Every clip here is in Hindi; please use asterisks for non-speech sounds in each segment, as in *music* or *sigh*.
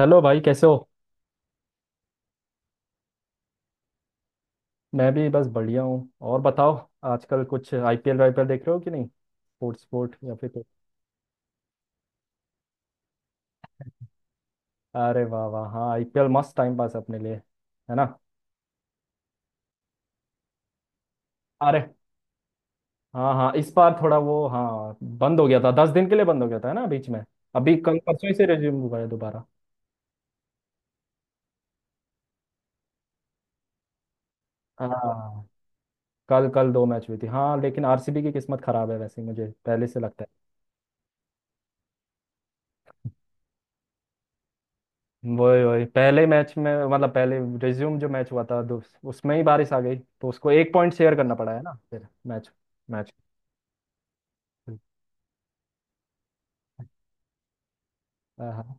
हेलो भाई, कैसे हो? मैं भी बस बढ़िया हूँ। और बताओ, आजकल कुछ आईपीएल वाईपीएल देख रहे हो कि नहीं? स्पोर्ट्स स्पोर्ट या फिर कुछ? अरे वाह वाह, हाँ आईपीएल मस्त टाइम पास अपने लिए है ना। अरे हाँ हाँ, इस बार थोड़ा वो, हाँ बंद हो गया था, दस दिन के लिए बंद हो गया था है ना बीच में। अभी कल परसों ही से रिज्यूम हुआ है दोबारा। हाँ। कल कल दो मैच हुई थी, हाँ। लेकिन आरसीबी की किस्मत खराब है, वैसे ही मुझे पहले से लगता है। वही वही, पहले मैच में, मतलब पहले रिज्यूम जो मैच हुआ था, उसमें ही बारिश आ गई, तो उसको एक पॉइंट शेयर करना पड़ा है ना फिर। Match match. हाँ हाँ।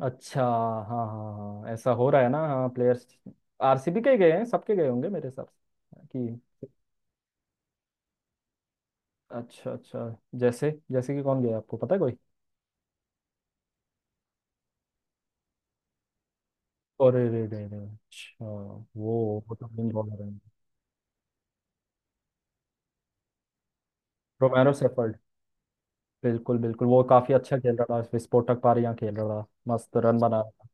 अच्छा हाँ हाँ। हाँ ऐसा हो रहा है ना। हाँ, प्लेयर्स आरसीबी के ही गए हैं, सबके गए होंगे मेरे हिसाब से कि। अच्छा अच्छा। जैसे जैसे कि कौन गया, आपको पता है कोई? और रे रे रे रे। अच्छा, वो तो मेन बॉलर है। रोमेरो सेफर्ड बिल्कुल बिल्कुल, वो काफी अच्छा खेल रहा था, विस्फोटक पारी यहाँ खेल रहा था। मस्त रन बना रहा था।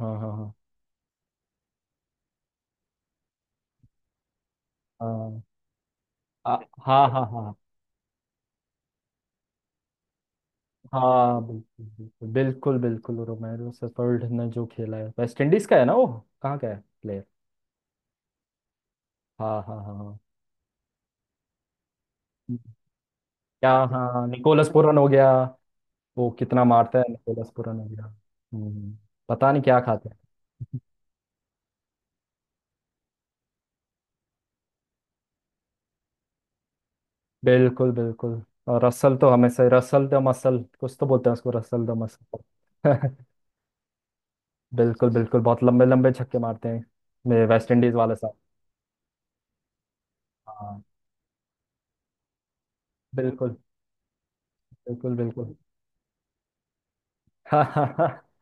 हाँ हाँ हाँ हाँ। आ, हाँ हाँ हाँ हाँ। बिल्कुल बिल्कुल बिल्कुल बिल्कुल, रोमेरो सेफर्ड ने जो खेला है, वेस्ट इंडीज का है ना वो? कहाँ का है प्लेयर? हाँ हाँ हाँ हाँ। क्या, हाँ निकोलस पूरन हो गया, वो कितना मारता है। निकोलस पूरन हो गया। हम्म, पता नहीं क्या खाते हैं। बिल्कुल बिल्कुल। और रसल तो हमेशा, रसल द मसल कुछ तो बोलते हैं उसको, रसल द मसल। *laughs* बिल्कुल बिल्कुल, बहुत लंबे लंबे छक्के मारते हैं मेरे वेस्ट इंडीज वाले साहब। हाँ बिल्कुल बिल्कुल बिल्कुल। *laughs*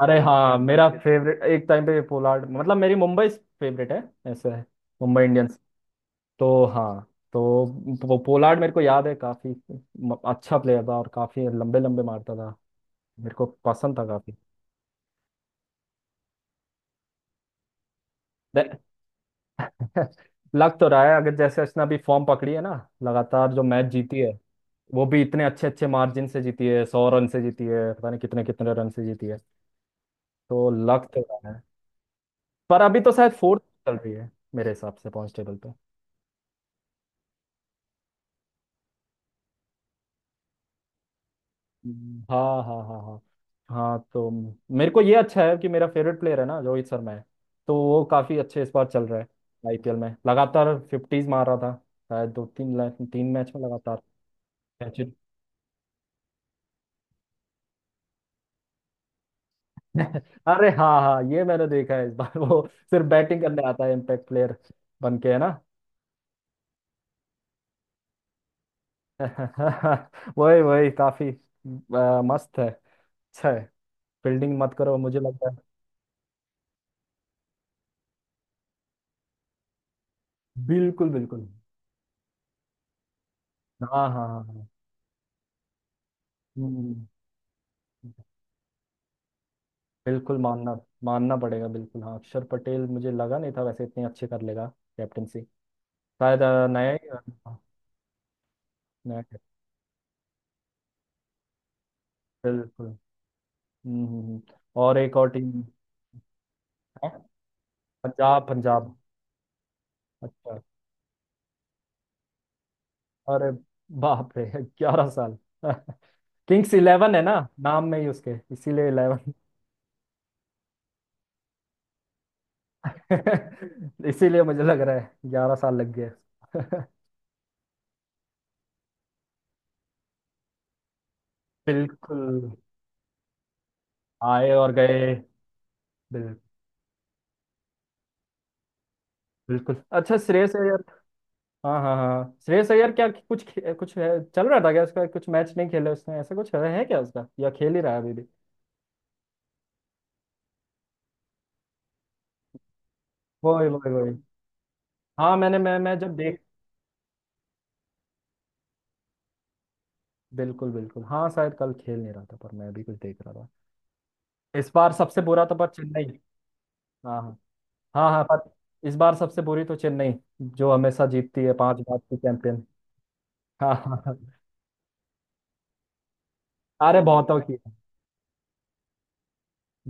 अरे हाँ, मेरा फेवरेट एक टाइम पे पोलार्ड, मतलब मेरी मुंबई फेवरेट है, ऐसा है, मुंबई इंडियंस, तो हाँ। तो पोलार्ड मेरे को याद है काफी। अच्छा प्लेयर था और काफी लंबे लंबे मारता था, मेरे को पसंद था काफी। दे- *laughs* लग तो रहा है, अगर जैसे उसने अभी फॉर्म पकड़ी है ना, लगातार जो मैच जीती है, वो भी इतने अच्छे अच्छे मार्जिन से जीती है, सौ रन से जीती है, पता नहीं कितने कितने रन से जीती है, तो लग तो रहा है। पर अभी तो शायद फोर्थ चल रही है मेरे हिसाब से पॉइंट टेबल। हाँ हाँ हाँ हाँ। हाँ तो मेरे को ये अच्छा है कि मेरा फेवरेट प्लेयर है ना, रोहित शर्मा है, तो वो काफी अच्छे इस बार चल रहा है। आईपीएल में लगातार फिफ्टीज मार रहा था, शायद दो तीन तीन मैच में लगातार century। *laughs* अरे हाँ हाँ, ये मैंने देखा है इस बार। *laughs* वो सिर्फ बैटिंग करने आता है, इम्पैक्ट प्लेयर बन के है ना। *laughs* वही वही, काफी मस्त है, अच्छा है, फील्डिंग मत करो, मुझे लगता है। बिल्कुल बिल्कुल। हाँ हाँ हाँ हाँ। हम्म, बिल्कुल मानना, मानना पड़ेगा बिल्कुल। हाँ, अक्षर पटेल मुझे लगा नहीं था वैसे इतने अच्छे कर लेगा कैप्टनसी, शायद नया ही हाँ, नया captain, बिल्कुल। हम्म हम्म, हम्म। और एक और टीम है, पंजाब पंजाब। अच्छा, अरे बाप रे, ग्यारह साल। *laughs* किंग्स इलेवन है ना, नाम में ही उसके, इसीलिए इलेवन। *laughs* इसीलिए मुझे लग रहा है ग्यारह साल लग गए। *laughs* बिल्कुल, आए और गए, बिल- बिल्कुल। अच्छा श्रेयस अय्यर। हाँ हाँ हाँ, श्रेयस अय्यर क्या, कुछ कुछ है, चल रहा था क्या उसका? कुछ मैच नहीं खेले उसने, ऐसा कुछ है क्या उसका, या खेल ही रहा है अभी भी? वही वही वही। हाँ मैंने मैं जब देख। बिल्कुल बिल्कुल, हाँ शायद कल खेल नहीं रहा था, पर मैं भी कुछ देख रहा था। इस बार सबसे बुरा तो पर चेन्नई। हाँ हाँ हाँ हाँ, पर इस बार सबसे बुरी तो चेन्नई, जो हमेशा जीतती है, पांच बार की चैंपियन। हाँ हाँ हाँ। अरे बहुतों की,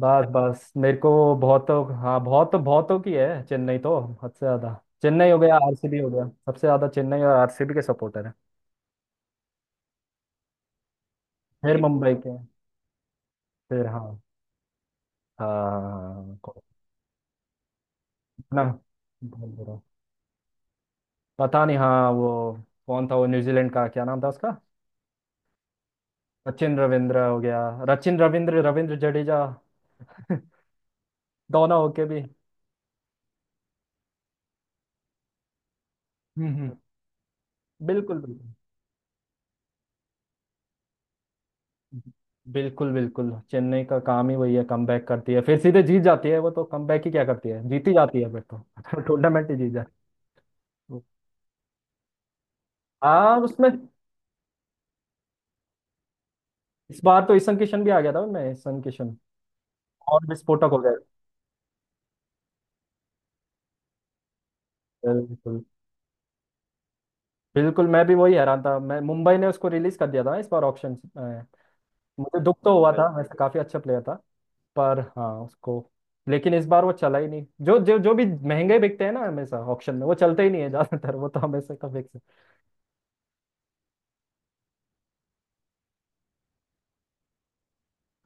बस बस मेरे को, बहुत, हाँ बहुत, बहुतों की है चेन्नई तो, हद से ज्यादा। चेन्नई हो गया, आरसीबी हो गया, सबसे ज्यादा चेन्नई और आरसीबी के सपोर्टर है। फिर ठीक मुंबई के हैं, फिर हाँ हाँ ना। बहुत बुरा, पता नहीं। हाँ वो कौन था वो न्यूजीलैंड का, क्या नाम था उसका? सचिन रविंद्र हो गया, रचिन रविंद्र, रविंद्र जडेजा। *laughs* दोनों होके भी। हम्म हम्म। बिल्कुल बिल्कुल बिल्कुल बिल्कुल, चेन्नई का काम ही वही है, कमबैक करती है, फिर सीधे जीत जाती है। वो तो कमबैक ही क्या करती है, जीती जाती है फिर तो। *laughs* टूर्नामेंट ही जीत जाती है। हाँ उसमें, इस बार तो ईशन किशन भी आ गया था। मैं ईशन किशन और विस्फोटक हो गया। बिल्कुल बिल्कुल, मैं भी वही हैरान था। मैं मुंबई ने उसको रिलीज कर दिया था इस बार ऑप्शन में, मुझे दुख तो हुआ था वैसे, काफी अच्छा प्लेयर था। पर हाँ उसको, लेकिन इस बार वो चला ही नहीं। जो जो जो भी महंगे बिकते हैं ना हमेशा ऑप्शन में, वो चलते ही नहीं है ज्यादातर, वो तो हमेशा का फिक्स।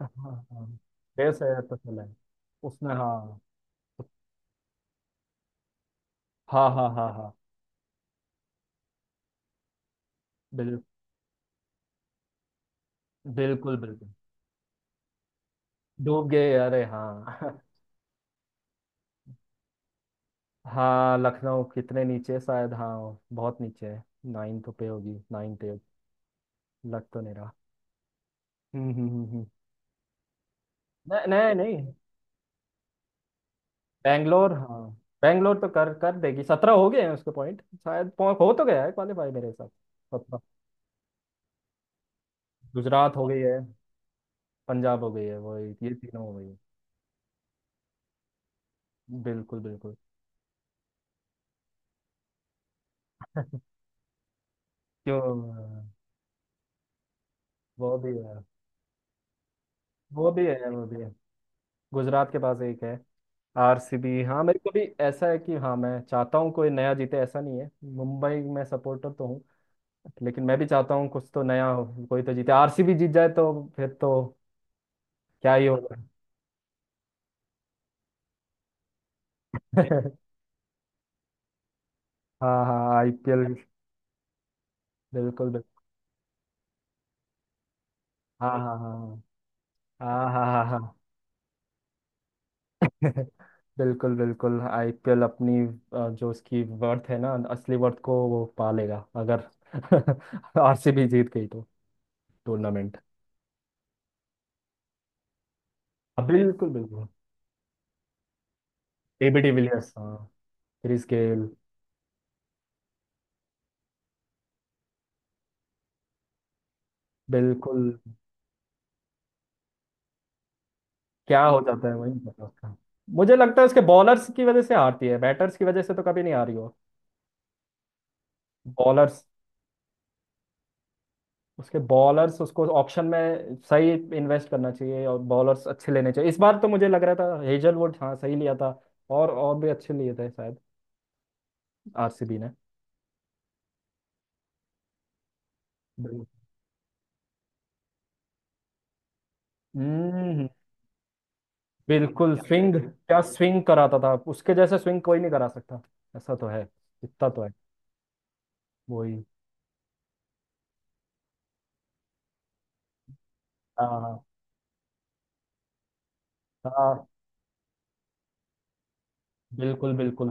हाँ हाँ, देश है तो चला है उसमें। हाँ हाँ हाँ हाँ हाँ। बिल, बिल्कुल बिल्कुल। डूब गए, अरे हाँ। *laughs* हाँ लखनऊ कितने नीचे, शायद हाँ बहुत नीचे है, नाइन्थ पे होगी, नाइन्थ एट, लग तो नहीं रहा। हम्म हम्म हम्म हम्म। नहीं नहीं नहीं, बैंगलोर हाँ, बैंगलोर तो कर कर देगी, सत्रह हो गए हैं उसके पॉइंट, शायद हो तो गया है क्वालिफाई मेरे हिसाब से 17। गुजरात हो गई है, पंजाब हो गई है वो, ये तीनों हो गई है। बिल्कुल बिल्कुल। क्यों? वो भी है, वो भी है, वो भी है, गुजरात के पास एक है। आरसीबी, हाँ मेरे को भी ऐसा है कि हाँ, मैं चाहता हूँ कोई नया जीते, ऐसा नहीं है, मुंबई में सपोर्टर तो हूँ, लेकिन मैं भी चाहता हूँ कुछ तो नया हो। कोई तो जीते, आरसीबी जीत जाए तो फिर तो क्या ही होगा। *laughs* हाँ हाँ, आईपीएल बिल्कुल बिल्कुल। हाँ हाँ हाँ हाँ हाँ हाँ हाँ हाँ। *laughs* बिल्कुल बिल्कुल, आईपीएल अपनी जो उसकी वर्थ है ना, असली वर्थ को वो पा लेगा, अगर *laughs* आरसीबी जीत गई तो टूर्नामेंट। हाँ बिल्कुल बिल्कुल। एबी डिविलियर्स, हाँ क्रिस गेल। बिल्कुल, क्या हो जाता है, वही नहीं पता उसका। मुझे लगता है उसके बॉलर्स की वजह से हारती है, बैटर्स की वजह से तो कभी नहीं हारी हो। बॉलर्स, उसके बॉलर्स, उसको ऑप्शन में सही इन्वेस्ट करना चाहिए और बॉलर्स अच्छे लेने चाहिए। इस बार तो मुझे लग रहा था हेजलवुड हाँ सही लिया था, और भी अच्छे लिए थे शायद आरसीबी ने। बिल्कुल। हम्म, बिल्कुल स्विंग, क्या स्विंग कराता था, उसके जैसे स्विंग कोई नहीं करा सकता, ऐसा तो है, इतना तो है। वही। हाँ हाँ। हाँ बिल्कुल बिल्कुल,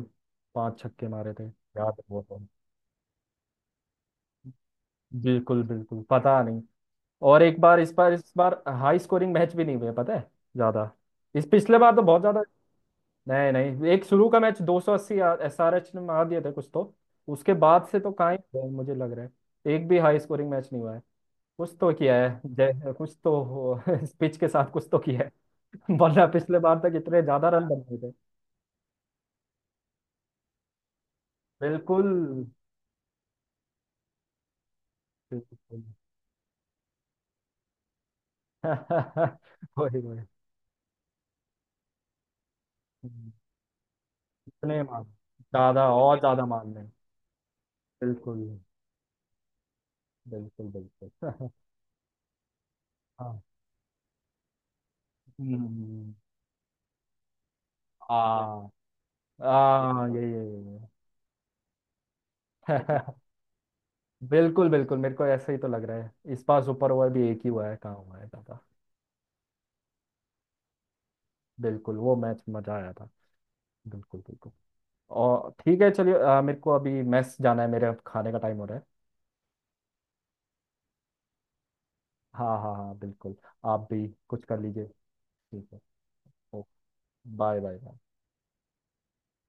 पांच छक्के मारे थे याद है वो तो। बिल्कुल बिल्कुल पता नहीं। और एक बार, इस बार हाई स्कोरिंग मैच भी नहीं हुए पता है ज्यादा, इस पिछले बार तो बहुत ज्यादा। नहीं नहीं, एक शुरू का मैच 280 एसआरएच ने मार दिए थे कुछ तो, उसके बाद से तो कहाँ ही हुआ है, मुझे लग रहा है एक भी हाई स्कोरिंग मैच नहीं हुआ है। कुछ तो किया है जय, कुछ तो पिच *laughs* के साथ कुछ तो किया है। *laughs* वरना पिछले बार तक इतने ज्यादा रन बनाए थे। बिल्कुल बिल्कुल। *laughs* वही वही, कितने मार्क्स, ज्यादा और ज्यादा मार्क्स लें, बिल्कुल बिल्कुल बिल्कुल। *laughs* हाँ हम्म, आ आ ये। *laughs* बिल्कुल बिल्कुल, मेरे को ऐसे ही तो लग रहा है। इस बार सुपर ओवर भी एक ही हुआ है, कहाँ हुआ है दादा। बिल्कुल, वो मैच मजा आया था, बिल्कुल बिल्कुल। और ठीक है चलिए, मेरे को अभी मेस जाना है, मेरे खाने का टाइम हो रहा है। हाँ हाँ हाँ बिल्कुल, आप भी कुछ कर लीजिए। ठीक है। Okay, bye bye bye.